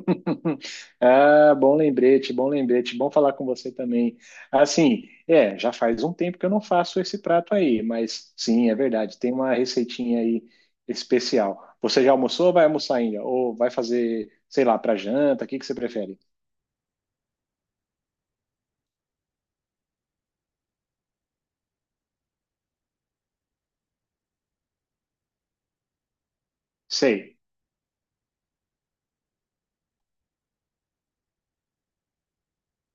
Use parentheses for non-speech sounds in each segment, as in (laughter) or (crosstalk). (laughs) Ah, bom lembrete, bom lembrete, bom falar com você também. Assim, é, já faz um tempo que eu não faço esse prato aí, mas sim, é verdade, tem uma receitinha aí especial. Você já almoçou ou vai almoçar ainda? Ou vai fazer, sei lá, para janta? O que que você prefere? Sei,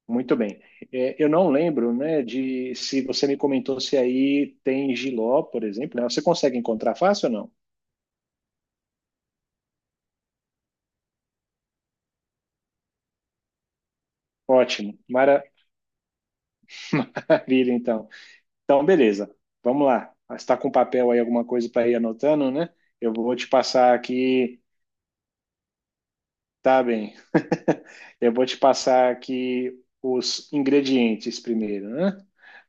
muito bem. É, eu não lembro, né, de se você me comentou se aí tem jiló, por exemplo, né? Você consegue encontrar fácil ou não? Ótimo, maravilha, então. Então, beleza. Vamos lá. Ah, você está com papel aí, alguma coisa para ir anotando, né? Eu vou te passar aqui. Tá bem. (laughs) Eu vou te passar aqui os ingredientes primeiro, né?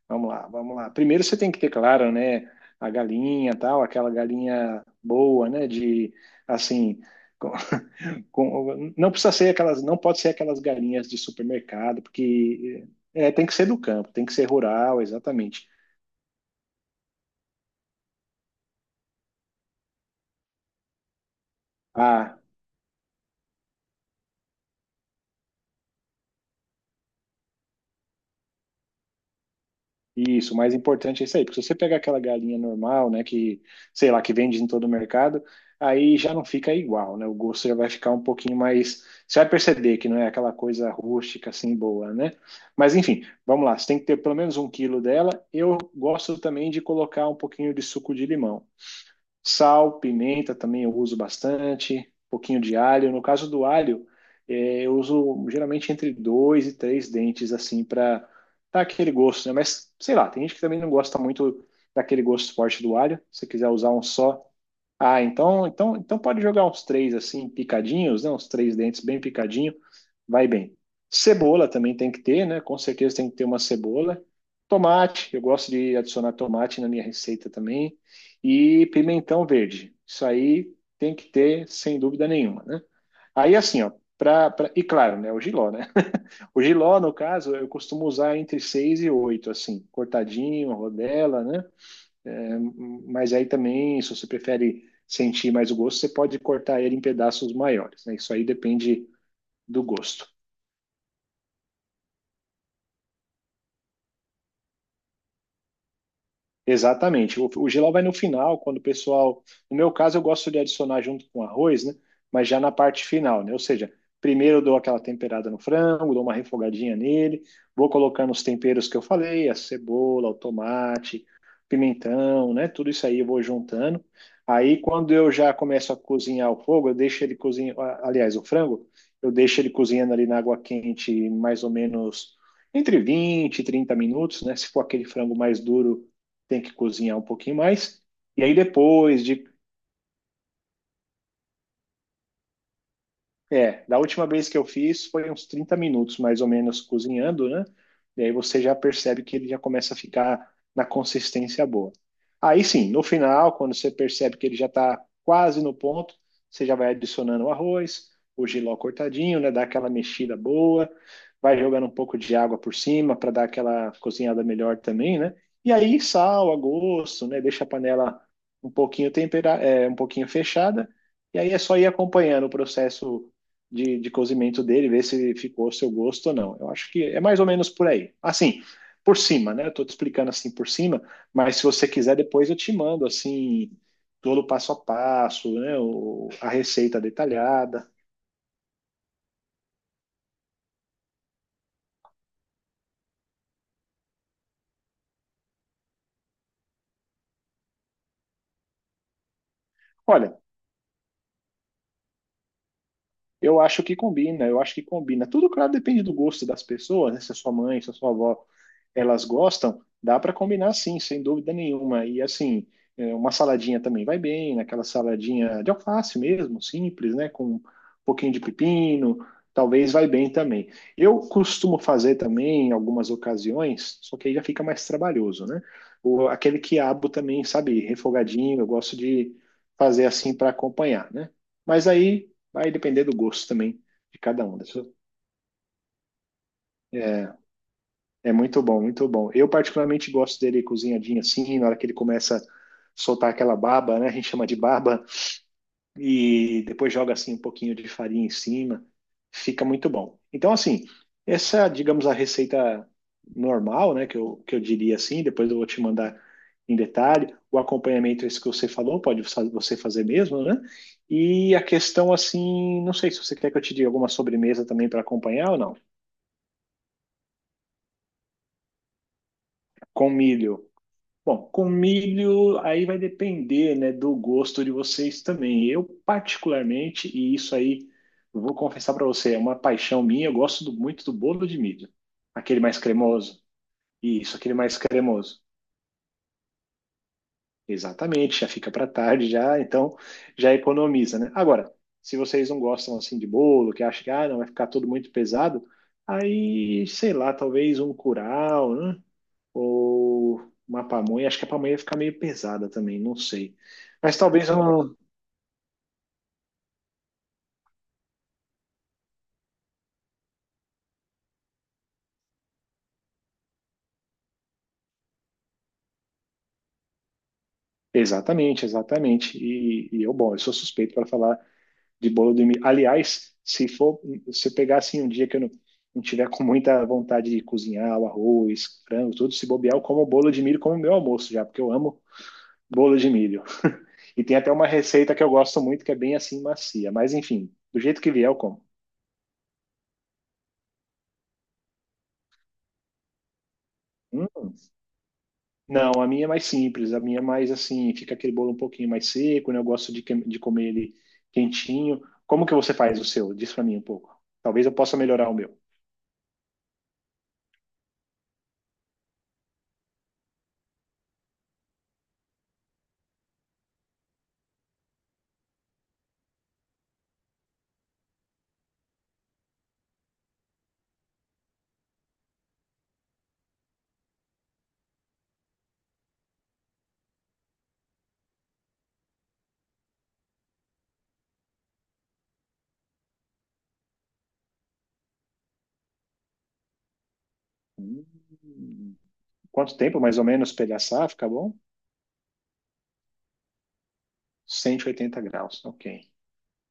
Vamos lá, vamos lá. Primeiro você tem que ter claro, né? A galinha, tal, aquela galinha boa, né? De assim, com- (laughs) não precisa ser aquelas, não pode ser aquelas galinhas de supermercado, porque é, tem que ser do campo, tem que ser rural, exatamente. Ah. Isso, o mais importante é isso aí, porque se você pegar aquela galinha normal, né, que, sei lá, que vende em todo o mercado, aí já não fica igual, né? O gosto já vai ficar um pouquinho mais. Você vai perceber que não é aquela coisa rústica assim boa, né? Mas enfim, vamos lá, você tem que ter pelo menos 1 quilo dela. Eu gosto também de colocar um pouquinho de suco de limão. Sal, pimenta também eu uso bastante, um pouquinho de alho. No caso do alho, eu uso geralmente entre dois e três dentes, assim, para dar aquele gosto, né? Mas sei lá, tem gente que também não gosta muito daquele gosto forte do alho. Se você quiser usar um só, ah, então, então, então pode jogar uns três assim, picadinhos, né? Uns três dentes bem picadinho, vai bem. Cebola também tem que ter, né? Com certeza tem que ter uma cebola. Tomate, eu gosto de adicionar tomate na minha receita também. E pimentão verde. Isso aí tem que ter, sem dúvida nenhuma, né? Aí assim, ó, e claro, né? O jiló, né? (laughs) O jiló, no caso, eu costumo usar entre seis e oito, assim, cortadinho, rodela, né? É, mas aí também, se você prefere sentir mais o gosto, você pode cortar ele em pedaços maiores, né? Isso aí depende do gosto. Exatamente. O jiló vai no final, quando o pessoal. No meu caso, eu gosto de adicionar junto com o arroz, né? Mas já na parte final, né? Ou seja, primeiro eu dou aquela temperada no frango, dou uma refogadinha nele, vou colocando os temperos que eu falei, a cebola, o tomate, pimentão, né? Tudo isso aí eu vou juntando. Aí, quando eu já começo a cozinhar o fogo, eu deixo ele cozinhando. Aliás, o frango, eu deixo ele cozinhando ali na água quente, mais ou menos entre vinte e 30 minutos, né? Se for aquele frango mais duro tem que cozinhar um pouquinho mais. E aí depois de É, da última vez que eu fiz foi uns 30 minutos mais ou menos cozinhando, né? E aí você já percebe que ele já começa a ficar na consistência boa. Aí sim, no final, quando você percebe que ele já está quase no ponto, você já vai adicionando o arroz, o jiló cortadinho, né? Dá aquela mexida boa, vai jogando um pouco de água por cima para dar aquela cozinhada melhor também, né? E aí sal a gosto, né? Deixa a panela um pouquinho tempera, é, um pouquinho fechada. E aí é só ir acompanhando o processo de cozimento dele, ver se ficou ao seu gosto ou não. Eu acho que é mais ou menos por aí. Assim, por cima, né? Eu tô te explicando assim por cima, mas se você quiser, depois eu te mando assim, todo o passo a passo, né? A receita detalhada. Olha, eu acho que combina, eu acho que combina. Tudo, claro, depende do gosto das pessoas, né? Se a sua mãe, se a sua avó, elas gostam, dá para combinar sim, sem dúvida nenhuma. E assim, é, uma saladinha também vai bem, aquela saladinha de alface mesmo, simples, né? Com um pouquinho de pepino, talvez vai bem também. Eu costumo fazer também em algumas ocasiões, só que aí já fica mais trabalhoso, né? Aquele quiabo também, sabe, refogadinho, eu gosto de fazer assim para acompanhar, né? Mas aí vai depender do gosto também de cada um. Né? Isso É, é muito bom, muito bom. Eu particularmente gosto dele cozinhadinho assim, na hora que ele começa a soltar aquela baba, né? A gente chama de baba, e depois joga assim um pouquinho de farinha em cima. Fica muito bom. Então, assim, essa, digamos, a receita normal, né? Que eu diria assim, depois eu vou te mandar em detalhe. O acompanhamento, esse que você falou, pode você fazer mesmo, né? E a questão assim, não sei se você quer que eu te diga alguma sobremesa também para acompanhar ou não. Com milho. Bom, com milho aí vai depender, né, do gosto de vocês também. Eu particularmente, e isso aí eu vou confessar para você, é uma paixão minha, eu gosto muito do bolo de milho. Aquele mais cremoso. Isso, aquele mais cremoso. Exatamente, já fica para tarde já, então já economiza, né? Agora, se vocês não gostam assim de bolo, que acham que ah, não vai ficar tudo muito pesado, aí, sei lá, talvez um curau, né? ou uma pamonha. Acho que a pamonha ia ficar meio pesada também, não sei. Mas talvez eu Exatamente, exatamente. E eu, bom, eu sou suspeito para falar de bolo de milho. Aliás, se eu pegar assim um dia que eu não tiver com muita vontade de cozinhar o arroz, frango, tudo, se bobear, eu como bolo de milho como meu almoço já, porque eu amo bolo de milho. E tem até uma receita que eu gosto muito, que é bem assim macia. Mas enfim, do jeito que vier, eu como. Hum. Não, a minha é mais simples, a minha é mais assim, fica aquele bolo um pouquinho mais seco, né? Eu gosto de comer ele quentinho. Como que você faz o seu? Diz pra mim um pouco. Talvez eu possa melhorar o meu. Hum, Quanto tempo mais ou menos pra ele assar? Fica bom? 180 graus, ok.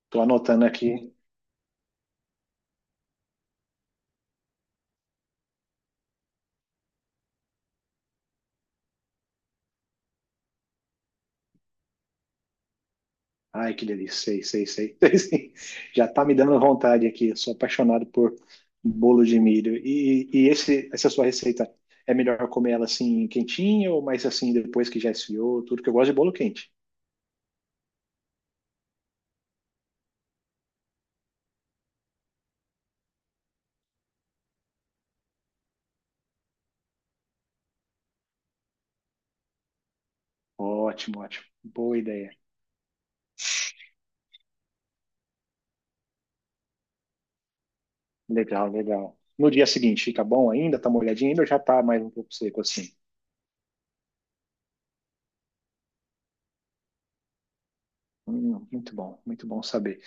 Tô anotando aqui. Ai, que delícia. Sei, sei, sei. (laughs) Sei, sei. Já tá me dando vontade aqui. Eu sou apaixonado por bolo de milho. E esse, essa sua receita, é melhor comer ela assim quentinha ou mais assim depois que já esfriou? Tudo que eu gosto de bolo quente. Ótimo, ótimo. Boa ideia. Legal, legal. No dia seguinte, fica bom ainda? Tá molhadinho ainda ou já tá mais um pouco seco assim? Muito bom, muito bom saber.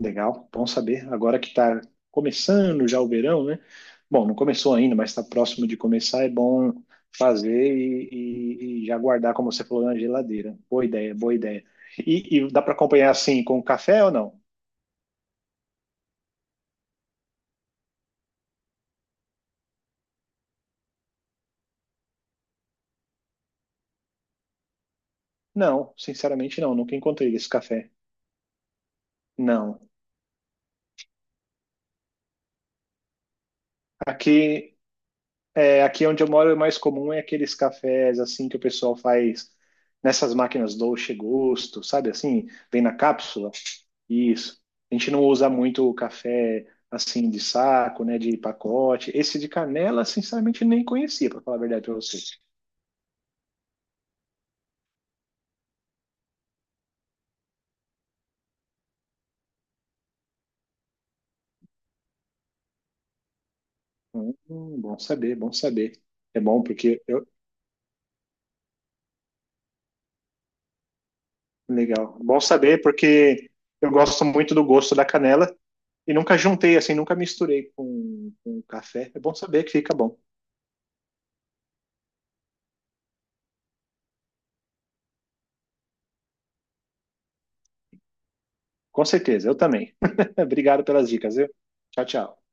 Legal, bom saber. Agora que está começando já o verão, né? Bom, não começou ainda, mas está próximo de começar. É bom fazer e já guardar, como você falou, na geladeira. Boa ideia, boa ideia. E dá para acompanhar assim com café ou não? Não, sinceramente não. Nunca encontrei esse café. Não. Aqui, é, aqui onde eu moro, o mais comum é aqueles cafés assim que o pessoal faz nessas máquinas Dolce Gusto, sabe assim? Vem na cápsula. Isso. A gente não usa muito o café assim de saco, né, de pacote. Esse de canela, sinceramente, nem conhecia, para falar a verdade para você. Hum, Bom saber, bom saber. É bom porque eu, legal. Bom saber porque eu gosto muito do gosto da canela e nunca juntei assim, nunca misturei com café. É bom saber que fica bom. Com certeza, eu também. (laughs) Obrigado pelas dicas, viu? Tchau, tchau.